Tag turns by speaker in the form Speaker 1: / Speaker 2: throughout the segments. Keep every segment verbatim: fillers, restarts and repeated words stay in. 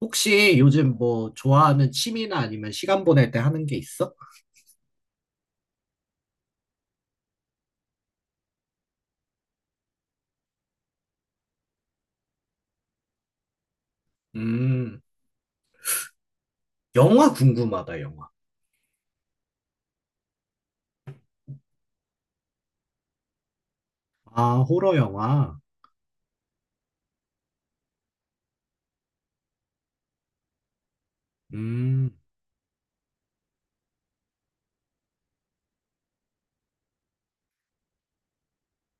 Speaker 1: 혹시 요즘 뭐 좋아하는 취미나 아니면 시간 보낼 때 하는 게 있어? 음, 영화 궁금하다, 영화. 아, 호러 영화. 음,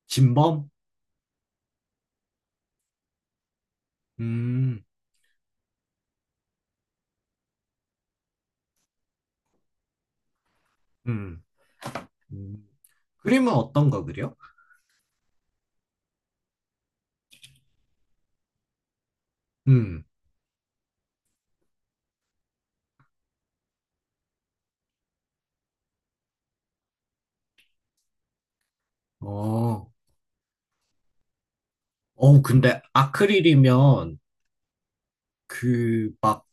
Speaker 1: 진범? 음, 음, 음. 그림은 어떤 거 그려? 음, 어, 어, 근데 아크릴이면 그 막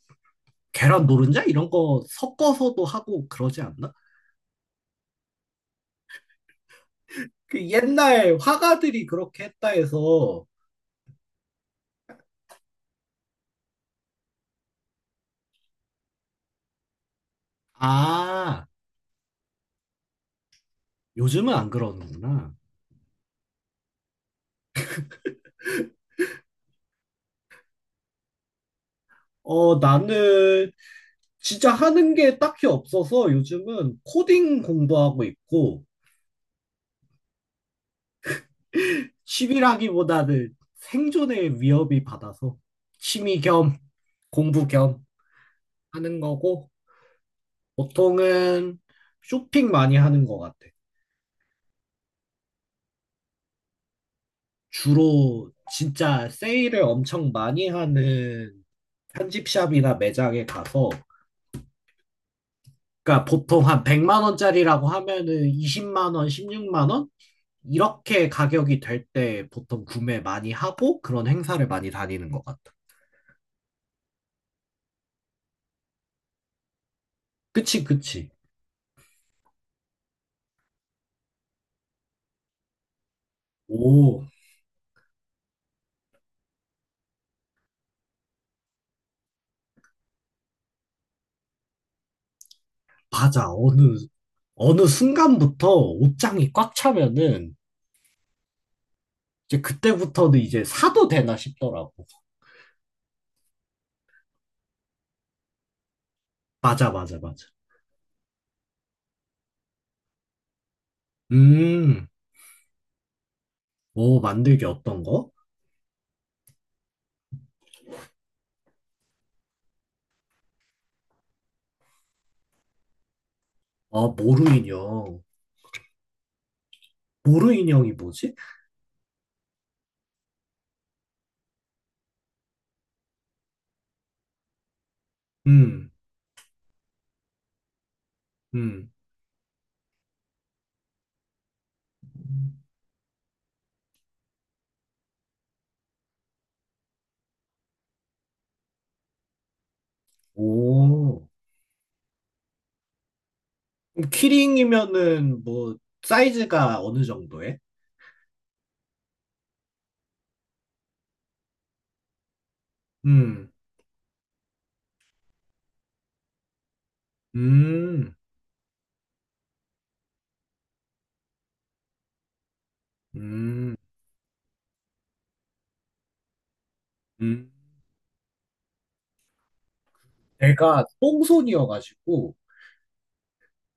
Speaker 1: 계란 노른자 이런 거 섞어서도 하고 그러지 않나? 그 옛날 화가들이 그렇게 했다 해서, 아, 요즘은 안 그러는구나. 어, 나는 진짜 하는 게 딱히 없어서 요즘은 코딩 공부하고 있고 취미라기보다는 생존의 위협이 받아서 취미 겸 공부 겸 하는 거고 보통은 쇼핑 많이 하는 것 같아. 주로 진짜 세일을 엄청 많이 하는 편집샵이나 매장에 가서 그러니까 보통 한 백만 원짜리라고 하면은 이십만 원, 십육만 원 이렇게 가격이 될 때 보통 구매 많이 하고 그런 행사를 많이 다니는 것 같아. 그치, 그치. 오, 맞아. 어느, 어느 순간부터 옷장이 꽉 차면은 이제 그때부터는 이제 사도 되나 싶더라고. 맞아, 맞아, 맞아. 음, 오, 만들기 어떤 거? 아, 모루 인형. 모루 인형이 뭐지? 음, 음. 오, 그럼 키링이면은 뭐 사이즈가 어느 정도에? 음, 음, 음. 음. 내가 똥손이어가지고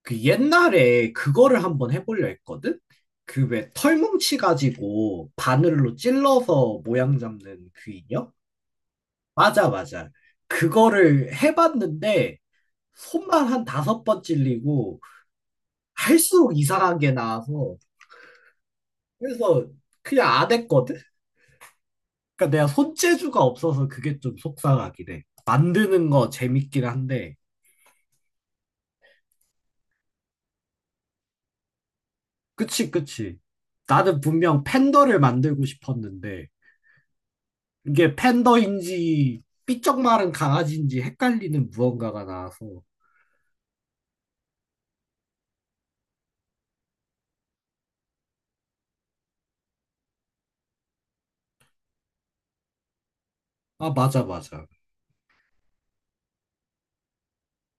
Speaker 1: 그 옛날에 그거를 한번 해보려 했거든? 그 왜 털뭉치 가지고 바늘로 찔러서 모양 잡는 그 인형? 맞아, 맞아. 그거를 해봤는데 손만 한 다섯 번 찔리고 할수록 이상하게 나와서 그래서 그냥 안 했거든? 그러니까 내가 손재주가 없어서 그게 좀 속상하긴 해. 만드는 거 재밌긴 한데 그치, 그치. 나는 분명 팬더를 만들고 싶었는데, 이게 팬더인지 삐쩍 마른 강아지인지 헷갈리는 무언가가 나와서, 아, 맞아, 맞아.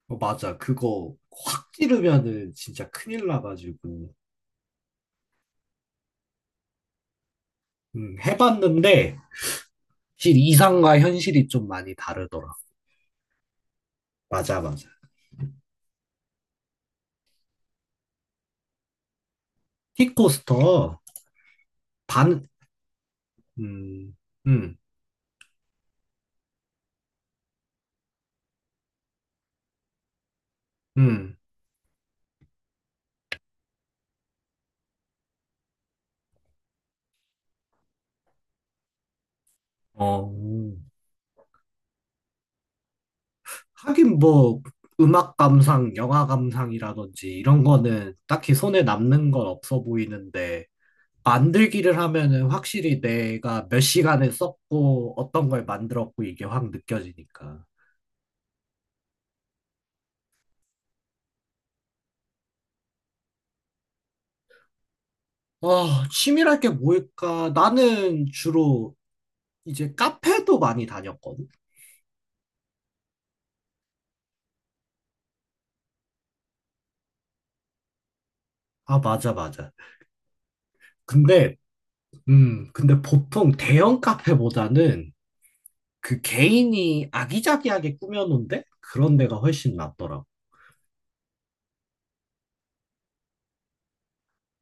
Speaker 1: 어, 맞아. 그거 확 찌르면은 진짜 큰일 나가지고, 음, 해봤는데, 실 이상과 현실이 좀 많이 다르더라. 맞아, 맞아. 킥코스터, 반, 음, 음, 음, 어. 하긴 뭐 음악 감상, 영화 감상이라든지 이런 거는 딱히 손에 남는 건 없어 보이는데 만들기를 하면은 확실히 내가 몇 시간을 썼고 어떤 걸 만들었고 이게 확 느껴지니까. 아, 취미랄 게 뭘까? 나는 주로 이제 카페도 많이 다녔거든. 아, 맞아, 맞아. 근데, 음, 근데 보통 대형 카페보다는 그 개인이 아기자기하게 꾸며놓은 데? 그런 데가 훨씬 낫더라고.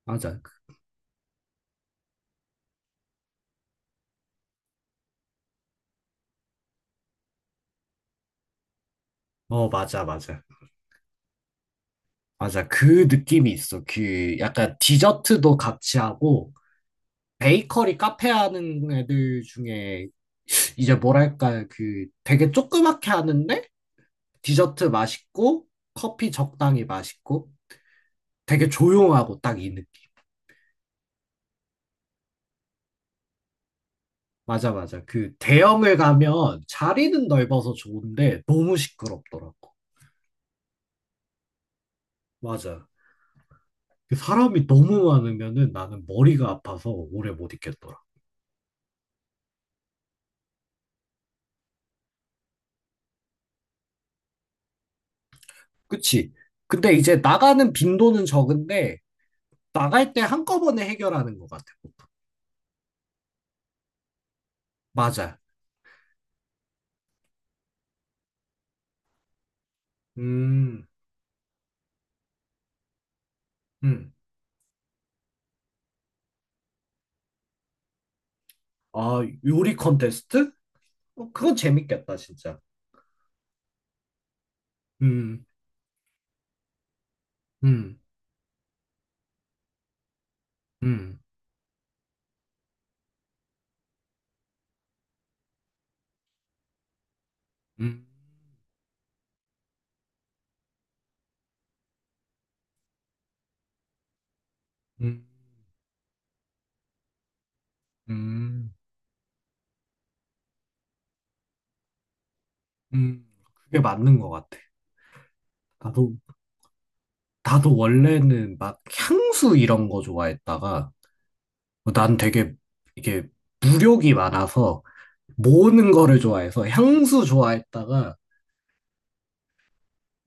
Speaker 1: 맞아. 어, 맞아, 맞아. 맞아. 그 느낌이 있어. 그 약간 디저트도 같이 하고, 베이커리 카페 하는 애들 중에 이제 뭐랄까, 그 되게 조그맣게 하는데, 디저트 맛있고, 커피 적당히 맛있고, 되게 조용하고 딱 이 느낌. 맞아, 맞아. 그 대형을 가면 자리는 넓어서 좋은데, 너무 시끄럽더라고. 맞아. 그 사람이 너무 많으면은 나는 머리가 아파서 오래 못 있겠더라. 그치. 근데 이제 나가는 빈도는 적은데, 나갈 때 한꺼번에 해결하는 것 같아. 맞아. 음, 음. 아, 요리 컨테스트? 어, 그건 재밌겠다, 진짜. 음, 음, 음, 음, 음, 음, 음. 그게 맞는 것 같아. 나도, 나도 원래는 막 향수 이런 거 좋아했다가, 어, 난 되게 이게 무력이 많아서 모으는 거를 좋아해서 향수 좋아했다가,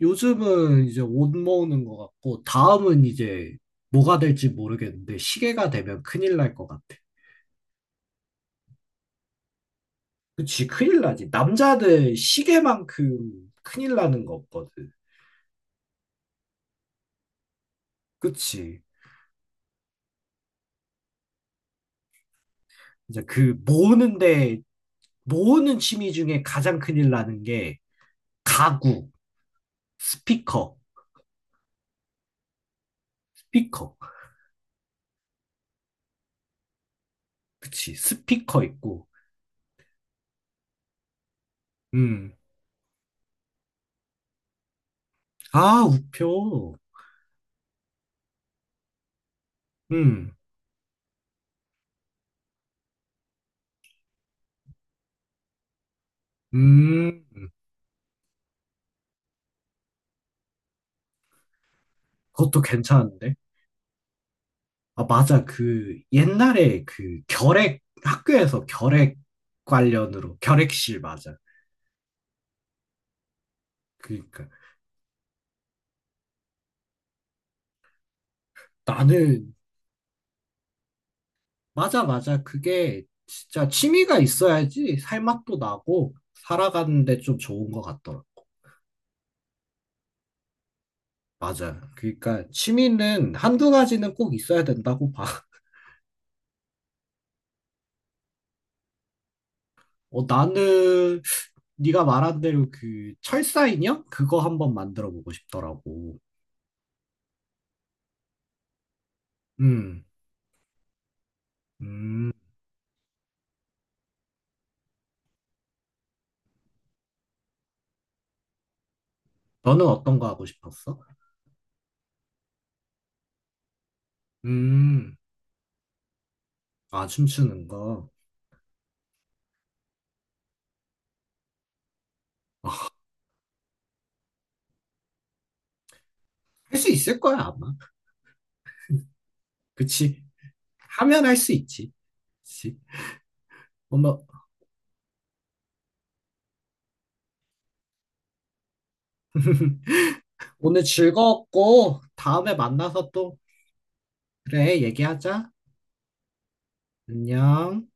Speaker 1: 요즘은 이제 옷 모으는 것 같고, 다음은 이제 뭐가 될지 모르겠는데, 시계가 되면 큰일 날 것 같아. 그치, 큰일 나지. 남자들 시계만큼 큰일 나는 거 없거든. 그치. 이제 그 모으는데, 모으는 취미 중에 가장 큰일 나는 게 가구, 스피커, 스피커. 그치, 스피커 있고, 음. 아, 우표. 음, 음, 그것도 괜찮은데. 아, 맞아. 그 옛날에 그 결핵 학교에서 결핵 관련으로 결핵실 맞아. 그러니까 나는 맞아, 맞아. 그게 진짜 취미가 있어야지 살맛도 나고 살아가는데 좀 좋은 것 같더라고. 맞아. 그러니까 취미는 한두 가지는 꼭 있어야 된다고 봐. 어, 나는 네가 말한 대로 그 철사 인형 그거 한번 만들어 보고 싶더라고. 음. 음. 너는 어떤 거 하고 싶었어? 음. 아, 춤추는 거. 할 수 있을 거야, 아마. 그치. 하면 할 수 있지. 그치. 어머, 오늘 즐거웠고, 다음에 만나서 또, 그래, 얘기하자. 안녕.